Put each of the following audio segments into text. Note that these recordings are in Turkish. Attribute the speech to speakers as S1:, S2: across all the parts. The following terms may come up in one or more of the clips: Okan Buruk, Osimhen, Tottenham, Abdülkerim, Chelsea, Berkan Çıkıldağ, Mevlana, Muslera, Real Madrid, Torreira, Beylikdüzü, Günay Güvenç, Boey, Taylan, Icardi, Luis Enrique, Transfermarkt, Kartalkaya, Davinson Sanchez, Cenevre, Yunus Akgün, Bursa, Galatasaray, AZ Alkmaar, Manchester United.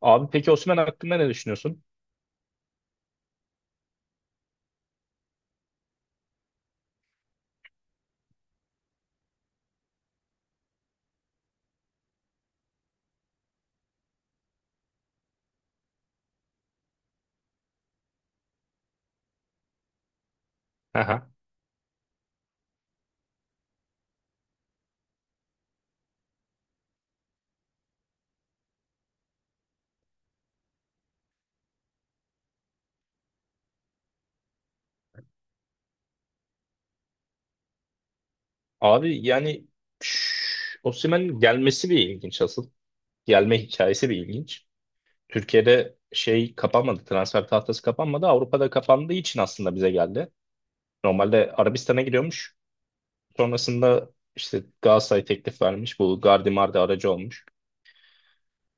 S1: Abi peki Osimhen hakkında ne düşünüyorsun? Aha. Abi yani Osimhen'in gelmesi bir ilginç asıl. Gelme hikayesi bir ilginç. Türkiye'de şey kapanmadı, transfer tahtası kapanmadı. Avrupa'da kapandığı için aslında bize geldi. Normalde Arabistan'a gidiyormuş. Sonrasında işte Galatasaray teklif vermiş. Bu Gardi Mardi aracı olmuş.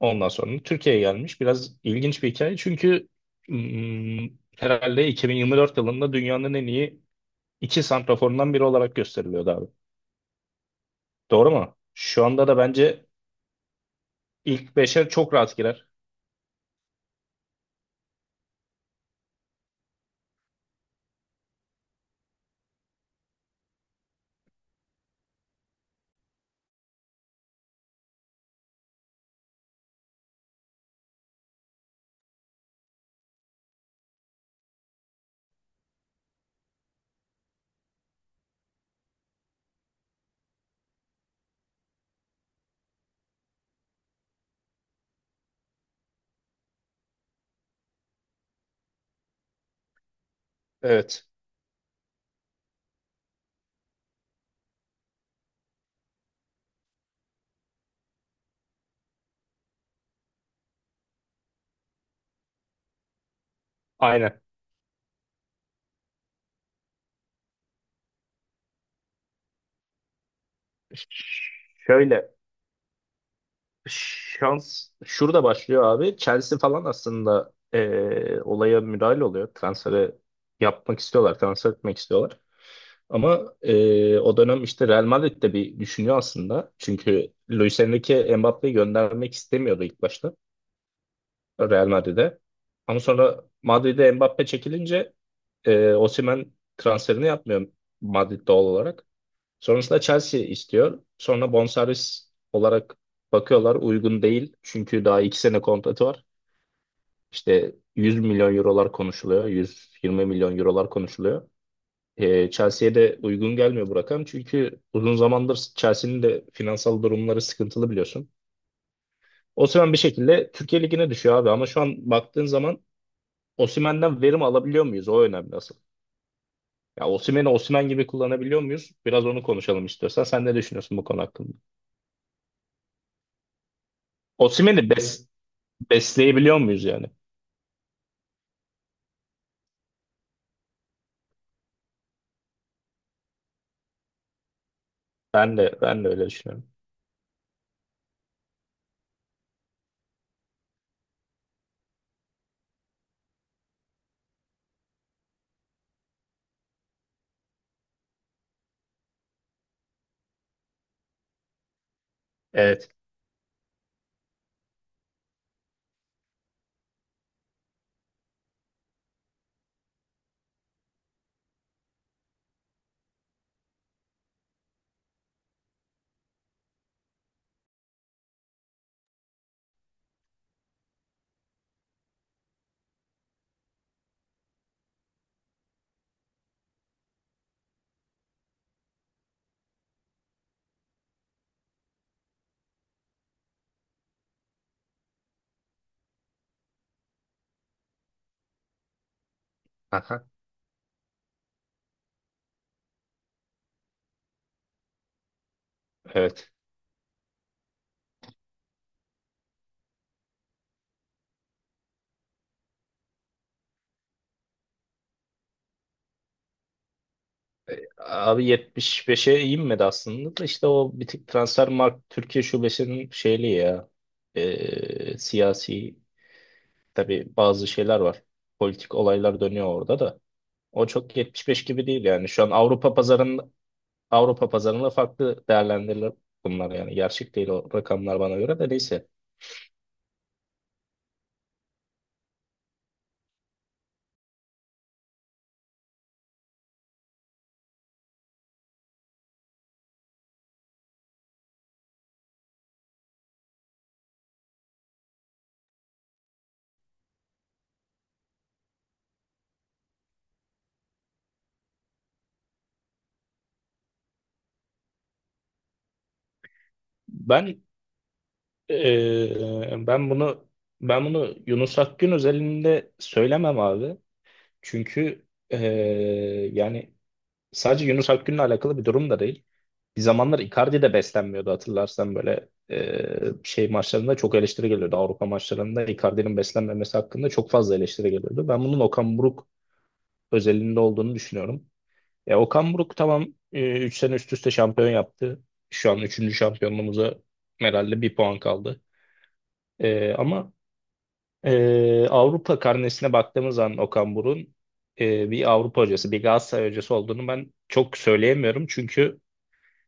S1: Ondan sonra Türkiye'ye gelmiş. Biraz ilginç bir hikaye. Çünkü hmm, herhalde 2024 yılında dünyanın en iyi iki santraforundan biri olarak gösteriliyordu. Doğru mu? Şu anda da bence ilk 5'e çok rahat girer. Evet. Aynen. Şöyle Şans şurada başlıyor abi. Chelsea falan aslında olaya müdahale oluyor. Transferi yapmak istiyorlar. Transfer etmek istiyorlar. Ama o dönem işte Real Madrid de bir düşünüyor aslında. Çünkü Luis Enrique Mbappe'yi göndermek istemiyordu ilk başta Real Madrid'e. Ama sonra Madrid'e Mbappe çekilince Osimhen transferini yapmıyor Madrid doğal olarak. Sonrasında Chelsea istiyor. Sonra bonservis olarak bakıyorlar uygun değil. Çünkü daha 2 sene kontratı var. İşte 100 milyon eurolar konuşuluyor. 120 milyon eurolar konuşuluyor. Chelsea'ye de uygun gelmiyor bu rakam. Çünkü uzun zamandır Chelsea'nin de finansal durumları sıkıntılı biliyorsun. Osimhen bir şekilde Türkiye Ligi'ne düşüyor abi. Ama şu an baktığın zaman Osimhen'den verim alabiliyor muyuz? O önemli asıl. Ya Osimhen'i Osimhen gibi kullanabiliyor muyuz? Biraz onu konuşalım istiyorsan. Sen ne düşünüyorsun bu konu hakkında? Osimhen'i besleyebiliyor muyuz yani? Ben de öyle düşünüyorum. Evet. Aha. Evet. Abi 75'e inmedi aslında da işte o bir tık Transfermarkt Türkiye şubesinin şeyli ya siyasi tabii bazı şeyler var. Politik olaylar dönüyor orada da. O çok 75 gibi değil yani. Şu an Avrupa pazarında Avrupa pazarında farklı değerlendirilir bunlar yani. Gerçek değil o rakamlar bana göre de neyse. Ben Ee, ben bunu ben bunu Yunus Akgün özelinde söylemem abi. Çünkü yani sadece Yunus Akgün'le alakalı bir durum da değil. Bir zamanlar Icardi de beslenmiyordu hatırlarsan böyle şey maçlarında çok eleştiri geliyordu. Avrupa maçlarında Icardi'nin beslenmemesi hakkında çok fazla eleştiri geliyordu. Ben bunun Okan Buruk özelinde olduğunu düşünüyorum. Okan Buruk tamam 3 sene üst üste şampiyon yaptı. Şu an üçüncü şampiyonluğumuza herhalde bir puan kaldı. Ama Avrupa karnesine baktığımız zaman Okan Buruk'un bir Avrupa hocası, bir Galatasaray hocası olduğunu ben çok söyleyemiyorum. Çünkü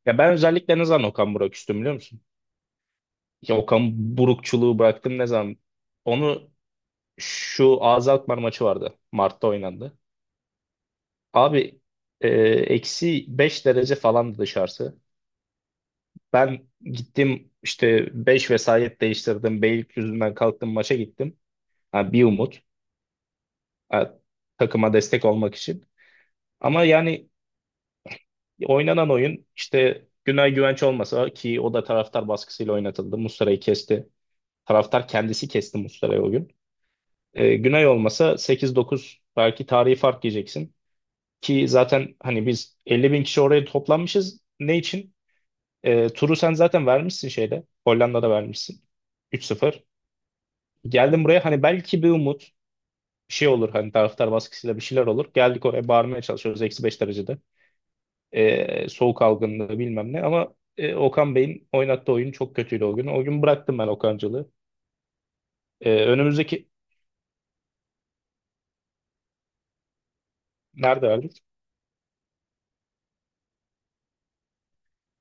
S1: ya ben özellikle ne zaman Okan Buruk üstüm biliyor musun? Ya Okan Burukçuluğu bıraktım ne zaman? Onu şu AZ Alkmaar maçı vardı. Mart'ta oynandı. Abi -5 derece falandı dışarısı. Ben gittim işte 5 vesayet değiştirdim. Beylikdüzü'nden kalktım maça gittim. Ha, bir umut. Ha, takıma destek olmak için. Ama yani oynanan oyun işte Günay Güvenç olmasa ki o da taraftar baskısıyla oynatıldı. Muslera'yı kesti. Taraftar kendisi kesti Muslera'yı o gün. Günay olmasa sekiz dokuz belki tarihi fark yiyeceksin. Ki zaten hani biz 50.000 kişi oraya toplanmışız. Ne için? Turu sen zaten vermişsin şeyde. Hollanda'da vermişsin. 3-0. Geldim buraya hani belki bir umut bir şey olur. Hani taraftar baskısıyla bir şeyler olur. Geldik oraya bağırmaya çalışıyoruz. -5 derecede. Soğuk algınlığı bilmem ne ama Okan Bey'in oynattığı oyun çok kötüydü o gün. O gün bıraktım ben Okancılığı. E, önümüzdeki nerede verdik?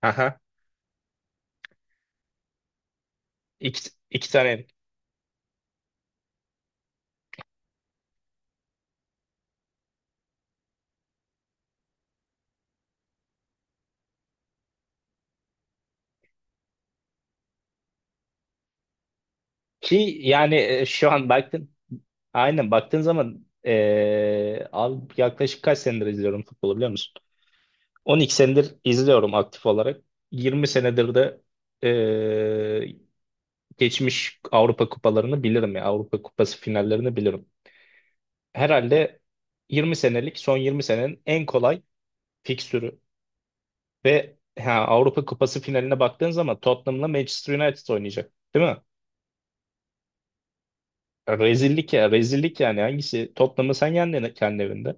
S1: Aha. İki, iki tane yedik. Ki yani şu an aynen baktığın zaman abi yaklaşık kaç senedir izliyorum futbolu biliyor musun? 12 senedir izliyorum aktif olarak. 20 senedir de e, geçmiş Avrupa kupalarını bilirim ya. Avrupa Kupası finallerini bilirim. Herhalde 20 senelik son 20 senenin en kolay fikstürü ve Avrupa Kupası finaline baktığın zaman Tottenham'la Manchester United oynayacak. Değil mi? Rezillik ya rezillik yani hangisi? Tottenham'ı sen yendin kendi evinde.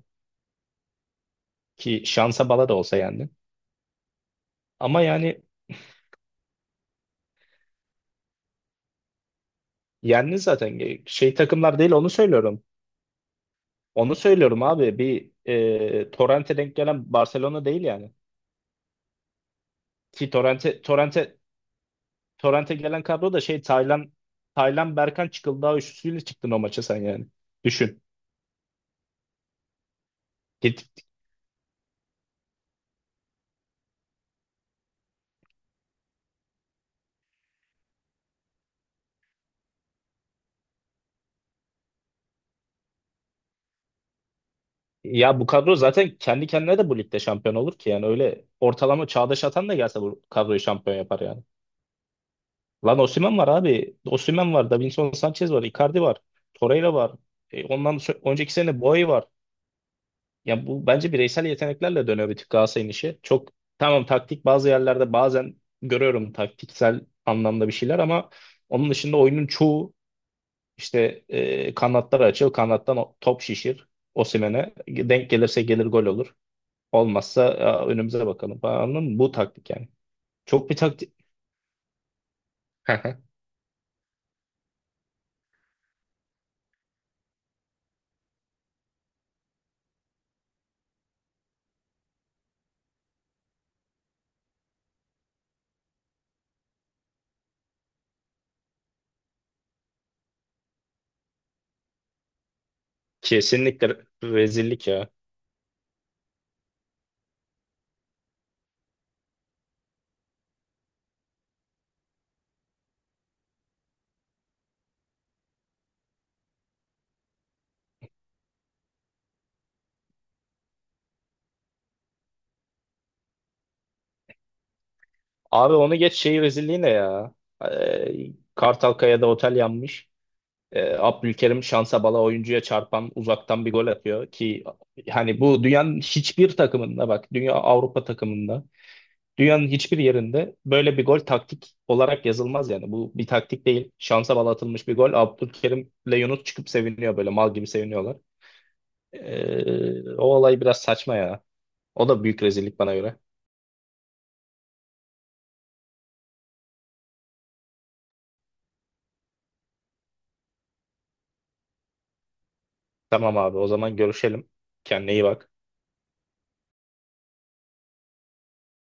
S1: Ki şansa bala da olsa yendin. Ama yani yendin zaten. Şey takımlar değil onu söylüyorum. Onu söylüyorum abi. Bir Torrent'e denk gelen Barcelona değil yani. Ki Torrent'e gelen kadro da şey Taylan Berkan Çıkıldağ üçlüsüyle çıktın o maça sen yani. Düşün. Git. Ya bu kadro zaten kendi kendine de bu ligde şampiyon olur ki yani öyle ortalama Çağdaş Atan da gelse bu kadroyu şampiyon yapar yani. Lan Osimhen var abi. Osimhen var, Davinson Sanchez var, Icardi var, Torreira var. Önceki sene Boey var. Yani bu bence bireysel yeteneklerle dönüyor bir tık Galatasaray'ın işi. Çok tamam taktik bazı yerlerde bazen görüyorum taktiksel anlamda bir şeyler ama onun dışında oyunun çoğu işte kanatlar açıl, kanattan top şişir Osimhen'e. Denk gelirse gelir gol olur. Olmazsa "Aa, önümüze bakalım falan anladın mı? Bu taktik yani. Çok bir taktik. Kesinlikle rezillik ya. Abi onu geç şey rezilliği ne ya? Kartalkaya'da otel yanmış. Abdülkerim şansa bala oyuncuya çarpan uzaktan bir gol atıyor ki hani bu dünyanın hiçbir takımında bak dünya Avrupa takımında dünyanın hiçbir yerinde böyle bir gol taktik olarak yazılmaz yani. Bu bir taktik değil. Şansa bala atılmış bir gol. Abdülkerim'le Yunus çıkıp seviniyor böyle mal gibi seviniyorlar. O olay biraz saçma ya. O da büyük rezillik bana göre. Tamam abi o zaman görüşelim. Kendine iyi bak.